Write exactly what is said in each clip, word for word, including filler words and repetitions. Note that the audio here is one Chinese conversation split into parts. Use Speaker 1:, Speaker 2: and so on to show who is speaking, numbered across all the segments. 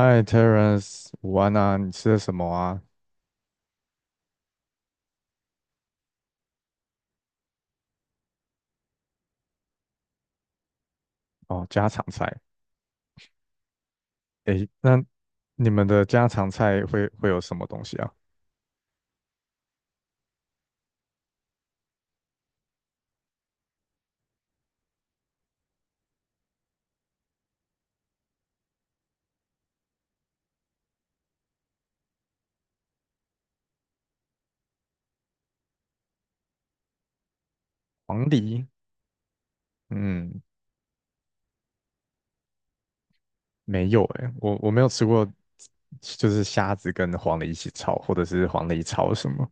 Speaker 1: Hi, t e r e n c e 午安啊！你吃的什么啊？哦，家常菜。诶，那你们的家常菜会会有什么东西啊？黄梨？嗯，没有诶，我我没有吃过，就是虾子跟黄梨一起炒，或者是黄梨炒什么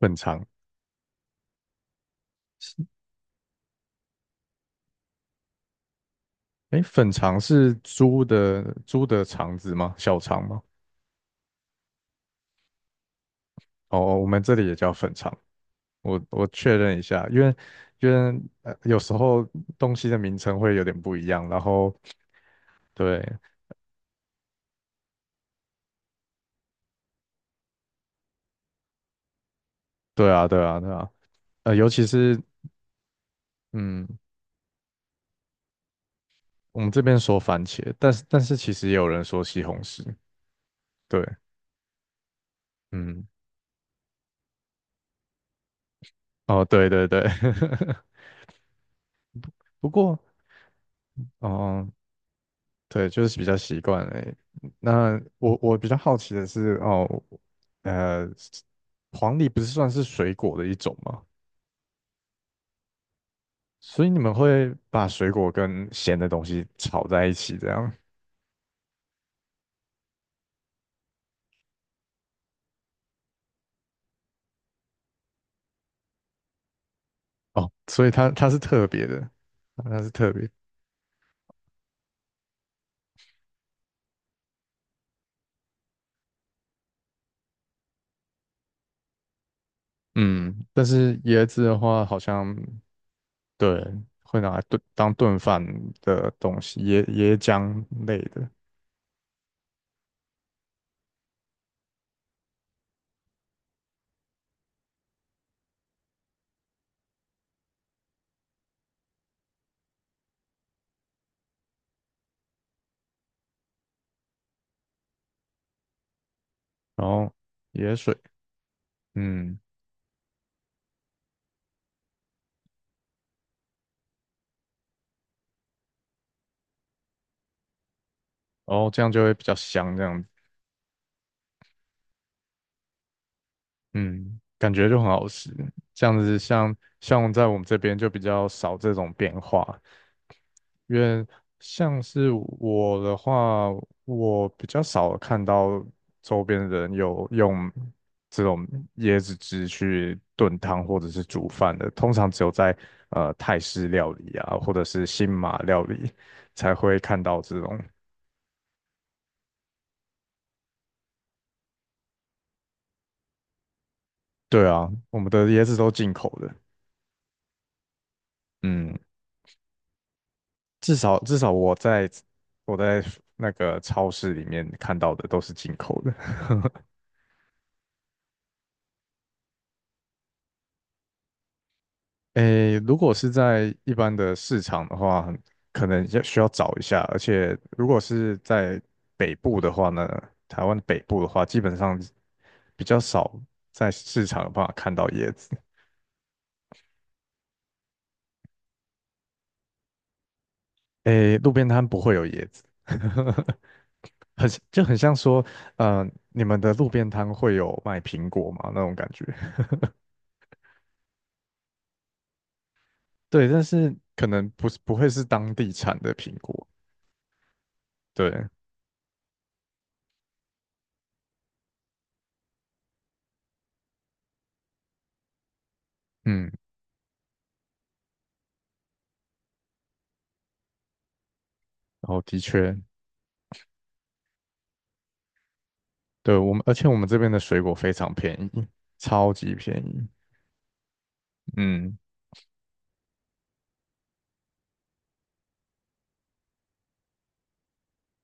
Speaker 1: 粉肠？是诶，粉肠是猪的猪的肠子吗？小肠吗？哦，哦我们这里也叫粉肠。我我确认一下，因为因为呃有时候东西的名称会有点不一样，然后对，对啊，对啊，对啊，呃，尤其是嗯，我们这边说番茄，但是但是其实也有人说西红柿，对，嗯，哦，对对对，不过哦，对，就是比较习惯诶。那我我比较好奇的是，哦，呃，黄梨不是算是水果的一种吗？所以你们会把水果跟咸的东西炒在一起，这样哦，所以它它是特别的，它是特别。嗯，但是椰子的话，好像对会拿来炖当炖饭的东西，椰椰浆类的，然后椰水，嗯，然后这样就会比较香，这样子，嗯，感觉就很好吃。这样子像像在我们这边就比较少这种变化，因为像是我的话，我比较少看到周边的人有用这种椰子汁去炖汤或者是煮饭的，通常只有在呃泰式料理啊，或者是新马料理才会看到这种。对啊，我们的椰子都进口的，嗯，至少至少我在我在那个超市里面看到的都是进口的。诶，如果是在一般的市场的话，很可能要需要找一下，而且如果是在北部的话呢，台湾北部的话，基本上比较少在市场有办法看到椰子。诶，路边摊不会有椰子，很就很像说，呃，你们的路边摊会有卖苹果吗？那种感觉。对，但是可能不是不会是当地产的苹果。对，嗯，然后的确。对，我们，而且我们这边的水果非常便宜，超级便宜。嗯，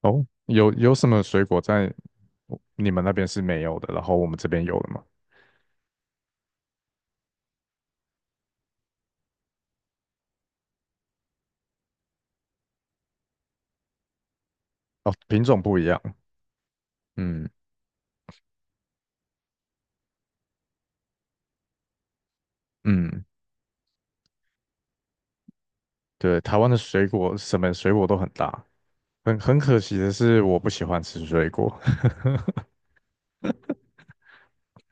Speaker 1: 哦，有有什么水果在你们那边是没有的，然后我们这边有的吗？哦，品种不一样。嗯嗯，对，台湾的水果什么水果都很大，很很可惜的是我不喜欢吃水果，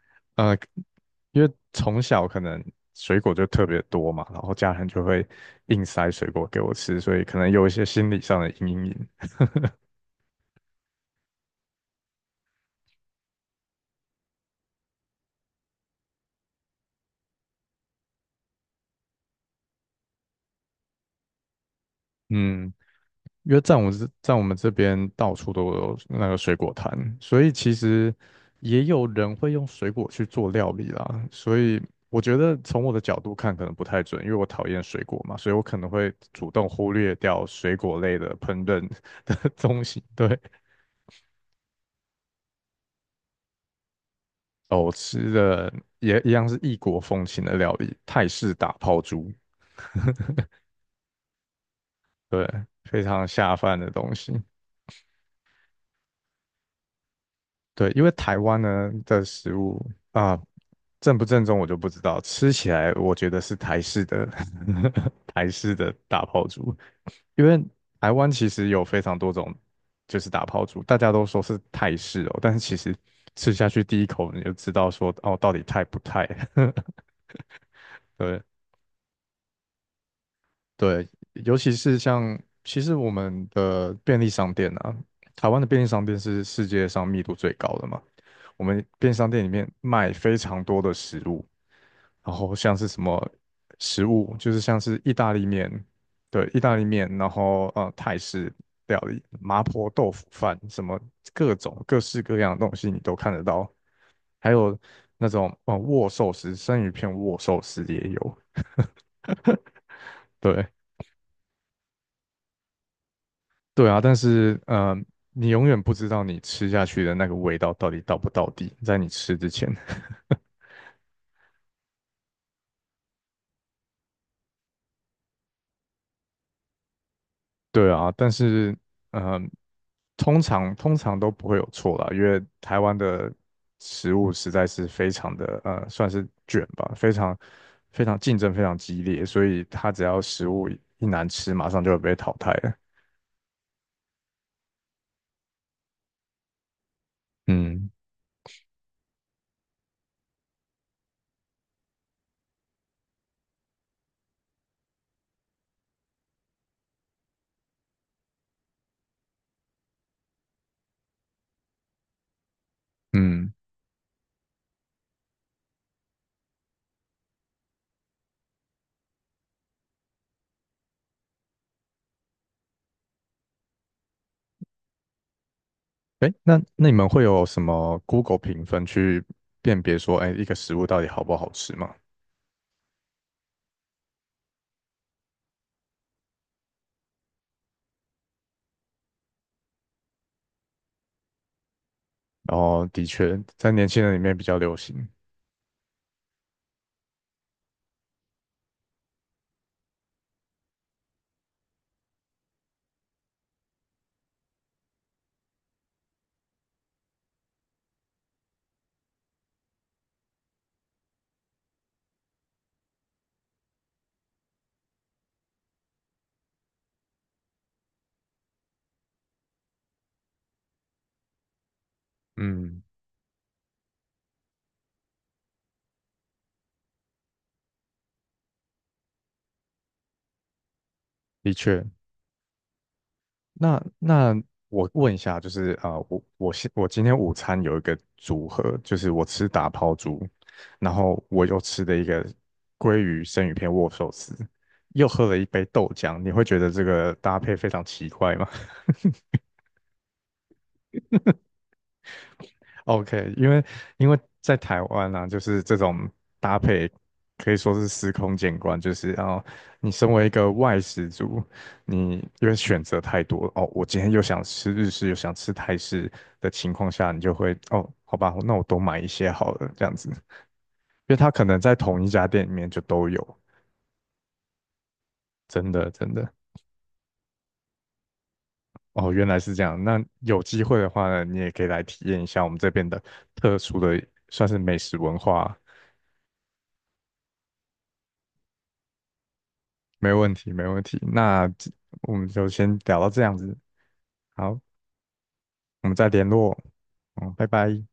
Speaker 1: 呃，因为从小可能水果就特别多嘛，然后家人就会硬塞水果给我吃，所以可能有一些心理上的阴影。嗯。因为在我们这在我们这边到处都有那个水果摊，所以其实也有人会用水果去做料理啦。所以我觉得从我的角度看可能不太准，因为我讨厌水果嘛，所以我可能会主动忽略掉水果类的烹饪 的东西。对，哦我吃的也一样是异国风情的料理，泰式打抛猪，对，非常下饭的东西。对，因为台湾呢的食物啊，正不正宗我就不知道，吃起来我觉得是台式的 台式的打抛猪，因为台湾其实有非常多种就是打抛猪，大家都说是泰式哦，但是其实吃下去第一口你就知道说哦到底泰不泰，对，对，尤其是像，其实我们的便利商店啊，台湾的便利商店是世界上密度最高的嘛。我们便利商店里面卖非常多的食物，然后像是什么食物，就是像是意大利面，对，意大利面，然后呃泰式料理、麻婆豆腐饭，什么各种各式各样的东西你都看得到，还有那种呃握寿司，生鱼片握寿司也有，对。对啊，但是呃，你永远不知道你吃下去的那个味道到底到不到底，在你吃之前。对啊，但是呃，通常通常都不会有错啦，因为台湾的食物实在是非常的呃，算是卷吧，非常非常竞争非常激烈，所以它只要食物一难吃，马上就会被淘汰了。嗯嗯，哎，那那你们会有什么 Google 评分去辨别说，哎，一个食物到底好不好吃吗？然后的确在年轻人里面比较流行。嗯，的确。那那我问一下，就是啊、呃我我现我今天午餐有一个组合，就是我吃打抛猪，然后我又吃的一个鲑鱼生鱼片握寿司，又喝了一杯豆浆。你会觉得这个搭配非常奇怪吗？OK,因为因为在台湾啊，就是这种搭配可以说是司空见惯，就是哦，你身为一个外食族，你因为选择太多哦，我今天又想吃日式，又想吃泰式的情况下，你就会哦，好吧，那我多买一些好了，这样子，因为它可能在同一家店里面就都有，真的真的哦，原来是这样。那有机会的话呢，你也可以来体验一下我们这边的特殊的算是美食文化没问题，没问题。那这我们就先聊到这样子，好，我们再联络，嗯，拜拜。